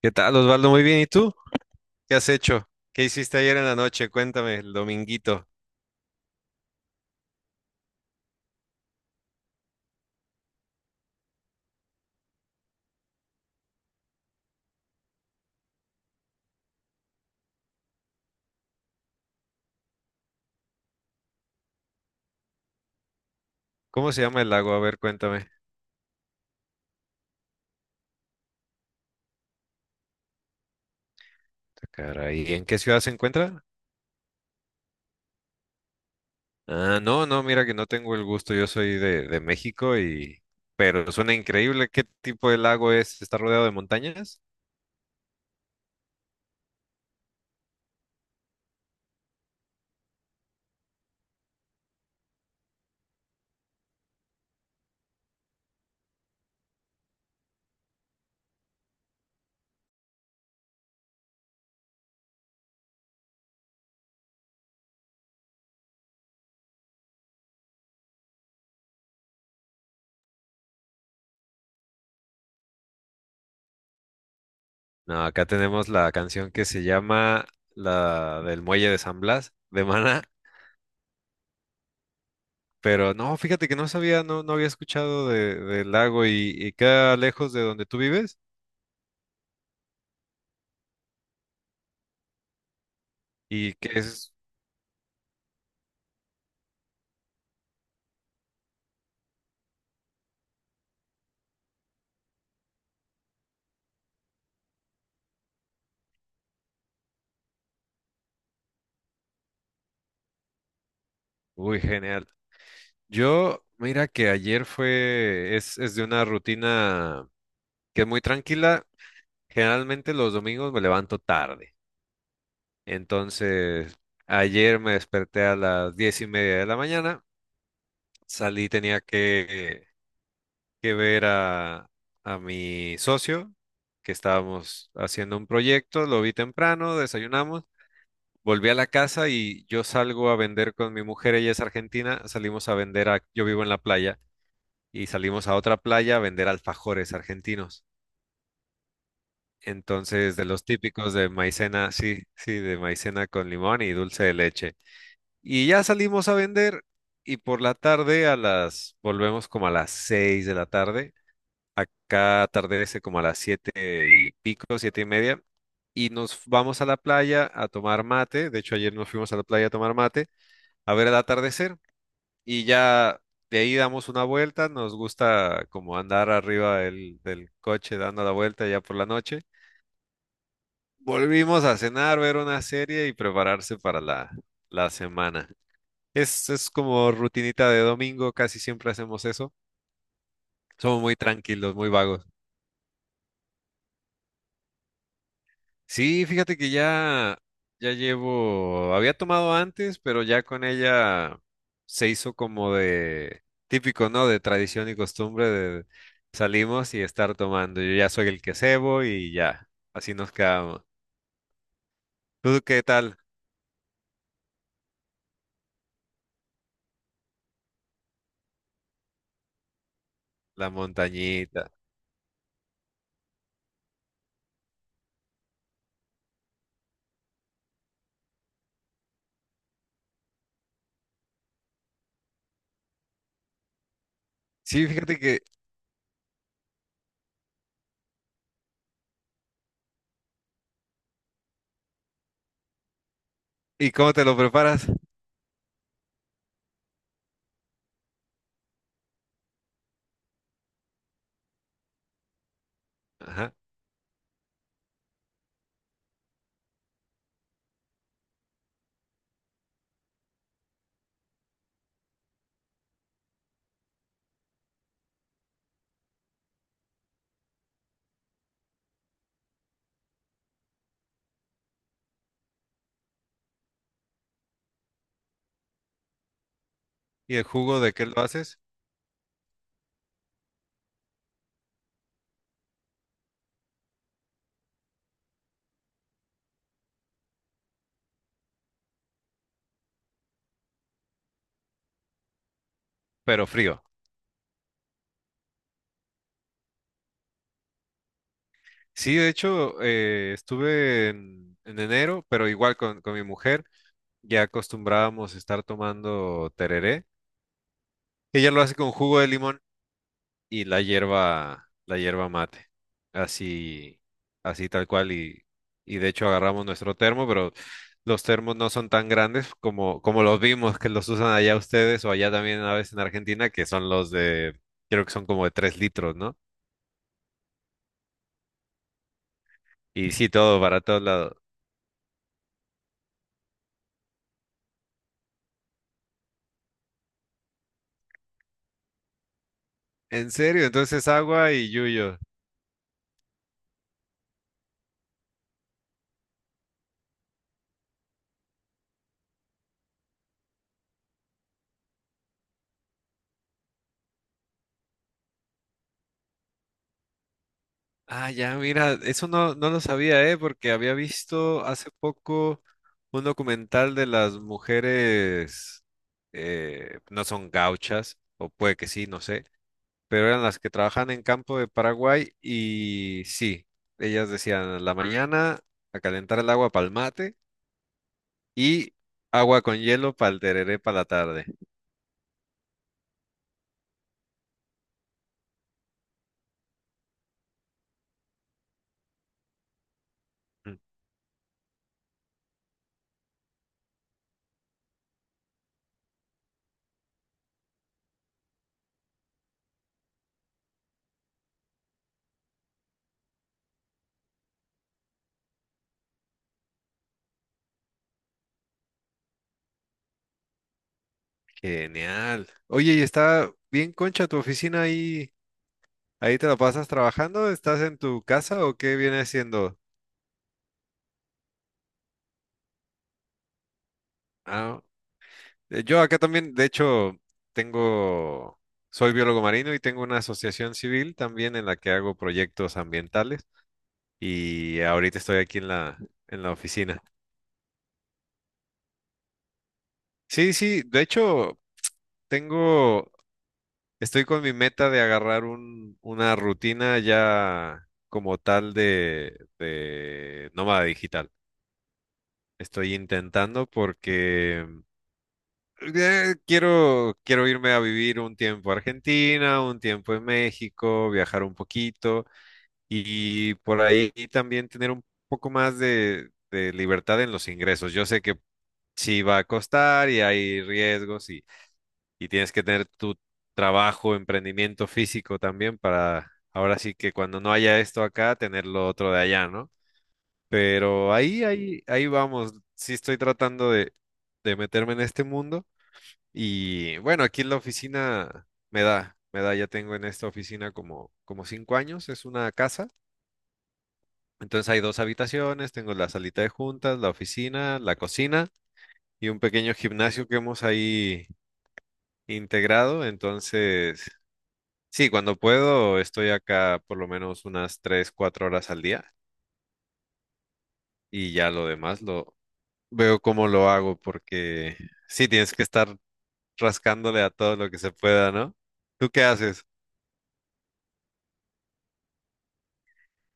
¿Qué tal, Osvaldo? Muy bien. ¿Y tú? ¿Qué has hecho? ¿Qué hiciste ayer en la noche? Cuéntame, el dominguito. ¿Cómo se llama el lago? A ver, cuéntame. Ah, caray, ¿en qué ciudad se encuentra? Ah, no, no, mira que no tengo el gusto. Yo soy de México. Y... Pero suena increíble. ¿Qué tipo de lago es? ¿Está rodeado de montañas? No, acá tenemos la canción que se llama la del Muelle de San Blas, de Maná. Pero no, fíjate que no sabía, no, no había escuchado del lago y queda lejos de donde tú vives. ¿Y qué es? Uy, genial. Yo, mira que ayer es de una rutina que es muy tranquila. Generalmente los domingos me levanto tarde. Entonces, ayer me desperté a las 10:30 de la mañana. Salí, tenía que ver a mi socio, que estábamos haciendo un proyecto. Lo vi temprano, desayunamos. Volví a la casa y yo salgo a vender con mi mujer, ella es argentina, salimos a vender a, yo vivo en la playa y salimos a otra playa a vender alfajores argentinos. Entonces, de los típicos de maicena, sí, sí, de maicena con limón y dulce de leche. Y ya salimos a vender y por la tarde a las, volvemos como a las 6 de la tarde. Acá atardece como a las 7 y pico, 7 y media. Y nos vamos a la playa a tomar mate. De hecho, ayer nos fuimos a la playa a tomar mate, a ver el atardecer. Y ya de ahí damos una vuelta, nos gusta como andar arriba del coche dando la vuelta ya por la noche. Volvimos a cenar, ver una serie y prepararse para la semana. Es como rutinita de domingo, casi siempre hacemos eso. Somos muy tranquilos, muy vagos. Sí, fíjate que ya llevo, había tomado antes, pero ya con ella se hizo como de típico, ¿no? De tradición y costumbre de salimos y estar tomando. Yo ya soy el que cebo y ya, así nos quedamos. ¿Tú qué tal? La montañita. Sí, fíjate que, ¿y cómo te lo preparas? Ajá. ¿Y el jugo de qué lo haces? Pero frío. Sí, de hecho, estuve en enero, pero igual con mi mujer ya acostumbrábamos estar tomando tereré. Ella lo hace con jugo de limón y la hierba mate. Así, así tal cual. Y de hecho agarramos nuestro termo, pero los termos no son tan grandes como los vimos que los usan allá ustedes o allá también a veces en Argentina, que son los de, creo que son como de 3 litros, ¿no? Y sí, todo para todos lados. En serio, entonces agua y yuyo. Ah, ya, mira, eso no, no lo sabía, ¿eh? Porque había visto hace poco un documental de las mujeres, no son gauchas, o puede que sí, no sé, pero eran las que trabajan en campo de Paraguay y sí, ellas decían, "A la mañana a calentar el agua para el mate y agua con hielo para el tereré para la tarde." Mm, Genial. Oye, y está bien concha tu oficina ahí. ¿Ahí te lo pasas trabajando? ¿Estás en tu casa o qué viene siendo? Ah, yo acá también, de hecho, tengo, soy biólogo marino y tengo una asociación civil también en la que hago proyectos ambientales y ahorita estoy aquí en la oficina. Sí, sí, de hecho, tengo, estoy con mi meta de agarrar una rutina ya como tal de nómada digital. Estoy intentando porque quiero, quiero irme a vivir un tiempo a Argentina, un tiempo en México, viajar un poquito y por ahí también tener un poco más de libertad en los ingresos. Yo sé que sí va a costar y hay riesgos y tienes que tener tu trabajo, emprendimiento físico también para ahora sí que cuando no haya esto acá, tener lo otro de allá, ¿no? Pero ahí, ahí, ahí vamos. Sí estoy tratando de meterme en este mundo. Y bueno, aquí en la oficina me da, ya tengo en esta oficina como 5 años, es una casa. Entonces hay 2 habitaciones, tengo la salita de juntas, la oficina, la cocina y un pequeño gimnasio que hemos ahí integrado. Entonces, sí, cuando puedo estoy acá por lo menos unas 3, 4 horas al día y ya lo demás lo veo cómo lo hago porque sí, tienes que estar rascándole a todo lo que se pueda, ¿no? ¿Tú qué haces?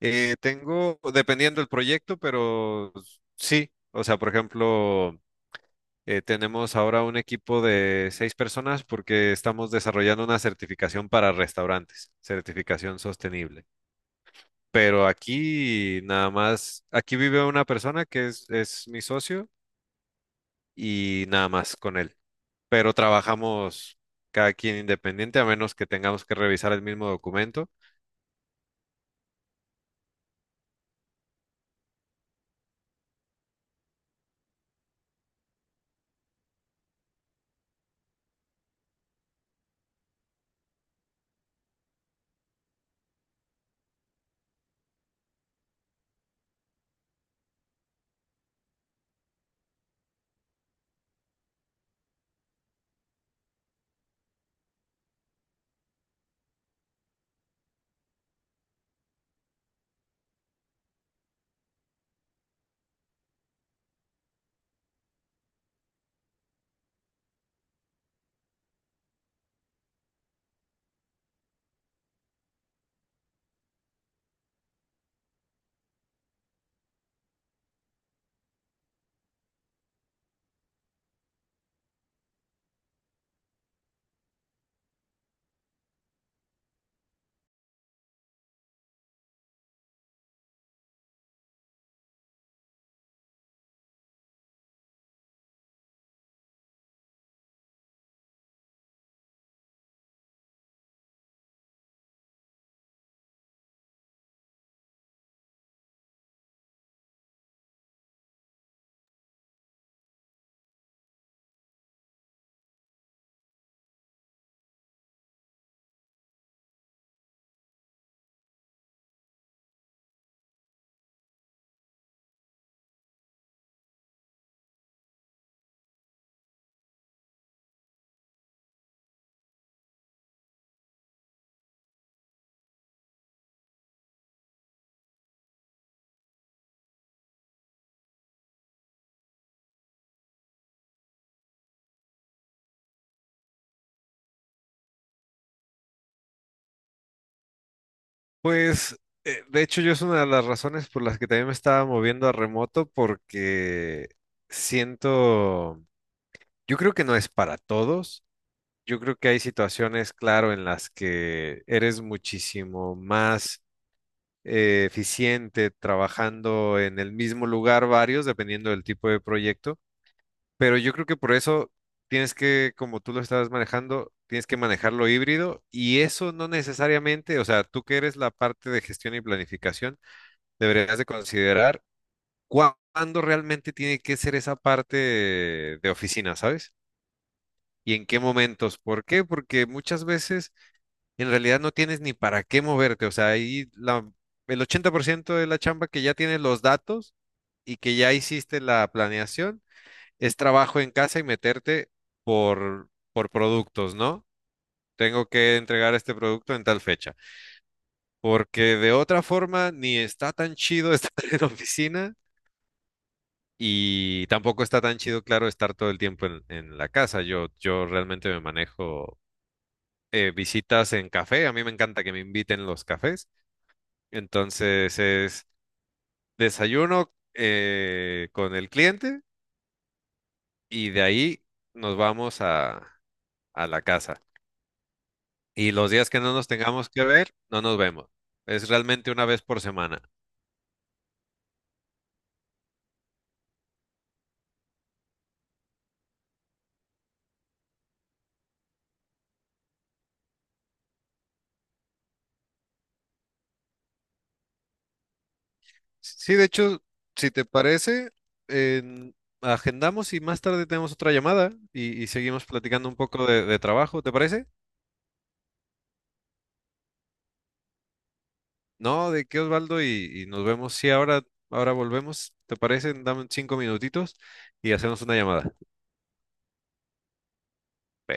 Tengo, dependiendo del proyecto, pero sí, o sea, por ejemplo, tenemos ahora un equipo de 6 personas porque estamos desarrollando una certificación para restaurantes, certificación sostenible. Pero aquí nada más, aquí vive una persona que es mi socio y nada más con él. Pero trabajamos cada quien independiente, a menos que tengamos que revisar el mismo documento. Pues, de hecho, yo es una de las razones por las que también me estaba moviendo a remoto, porque siento, yo creo que no es para todos. Yo creo que hay situaciones, claro, en las que eres muchísimo más eficiente trabajando en el mismo lugar varios, dependiendo del tipo de proyecto. Pero yo creo que por eso tienes que, como tú lo estabas manejando, tienes que manejarlo híbrido y eso no necesariamente, o sea, tú que eres la parte de gestión y planificación deberías de considerar cuándo realmente tiene que ser esa parte de oficina, ¿sabes? Y en qué momentos. ¿Por qué? Porque muchas veces en realidad no tienes ni para qué moverte. O sea, ahí la, el 80% de la chamba que ya tienes los datos y que ya hiciste la planeación es trabajo en casa y meterte por productos, ¿no? Tengo que entregar este producto en tal fecha, porque de otra forma ni está tan chido estar en oficina. Y tampoco está tan chido, claro, estar todo el tiempo en la casa. Yo realmente me manejo visitas en café. A mí me encanta que me inviten los cafés. Entonces es desayuno con el cliente y de ahí nos vamos a la casa. Y los días que no nos tengamos que ver, no nos vemos. Es realmente una vez por semana. Sí, de hecho, si te parece, en- agendamos y más tarde tenemos otra llamada y seguimos platicando un poco de trabajo, ¿te parece? No, de qué, Osvaldo, y nos vemos. Sí, ahora volvemos, ¿te parece? Dame 5 minutitos y hacemos una llamada.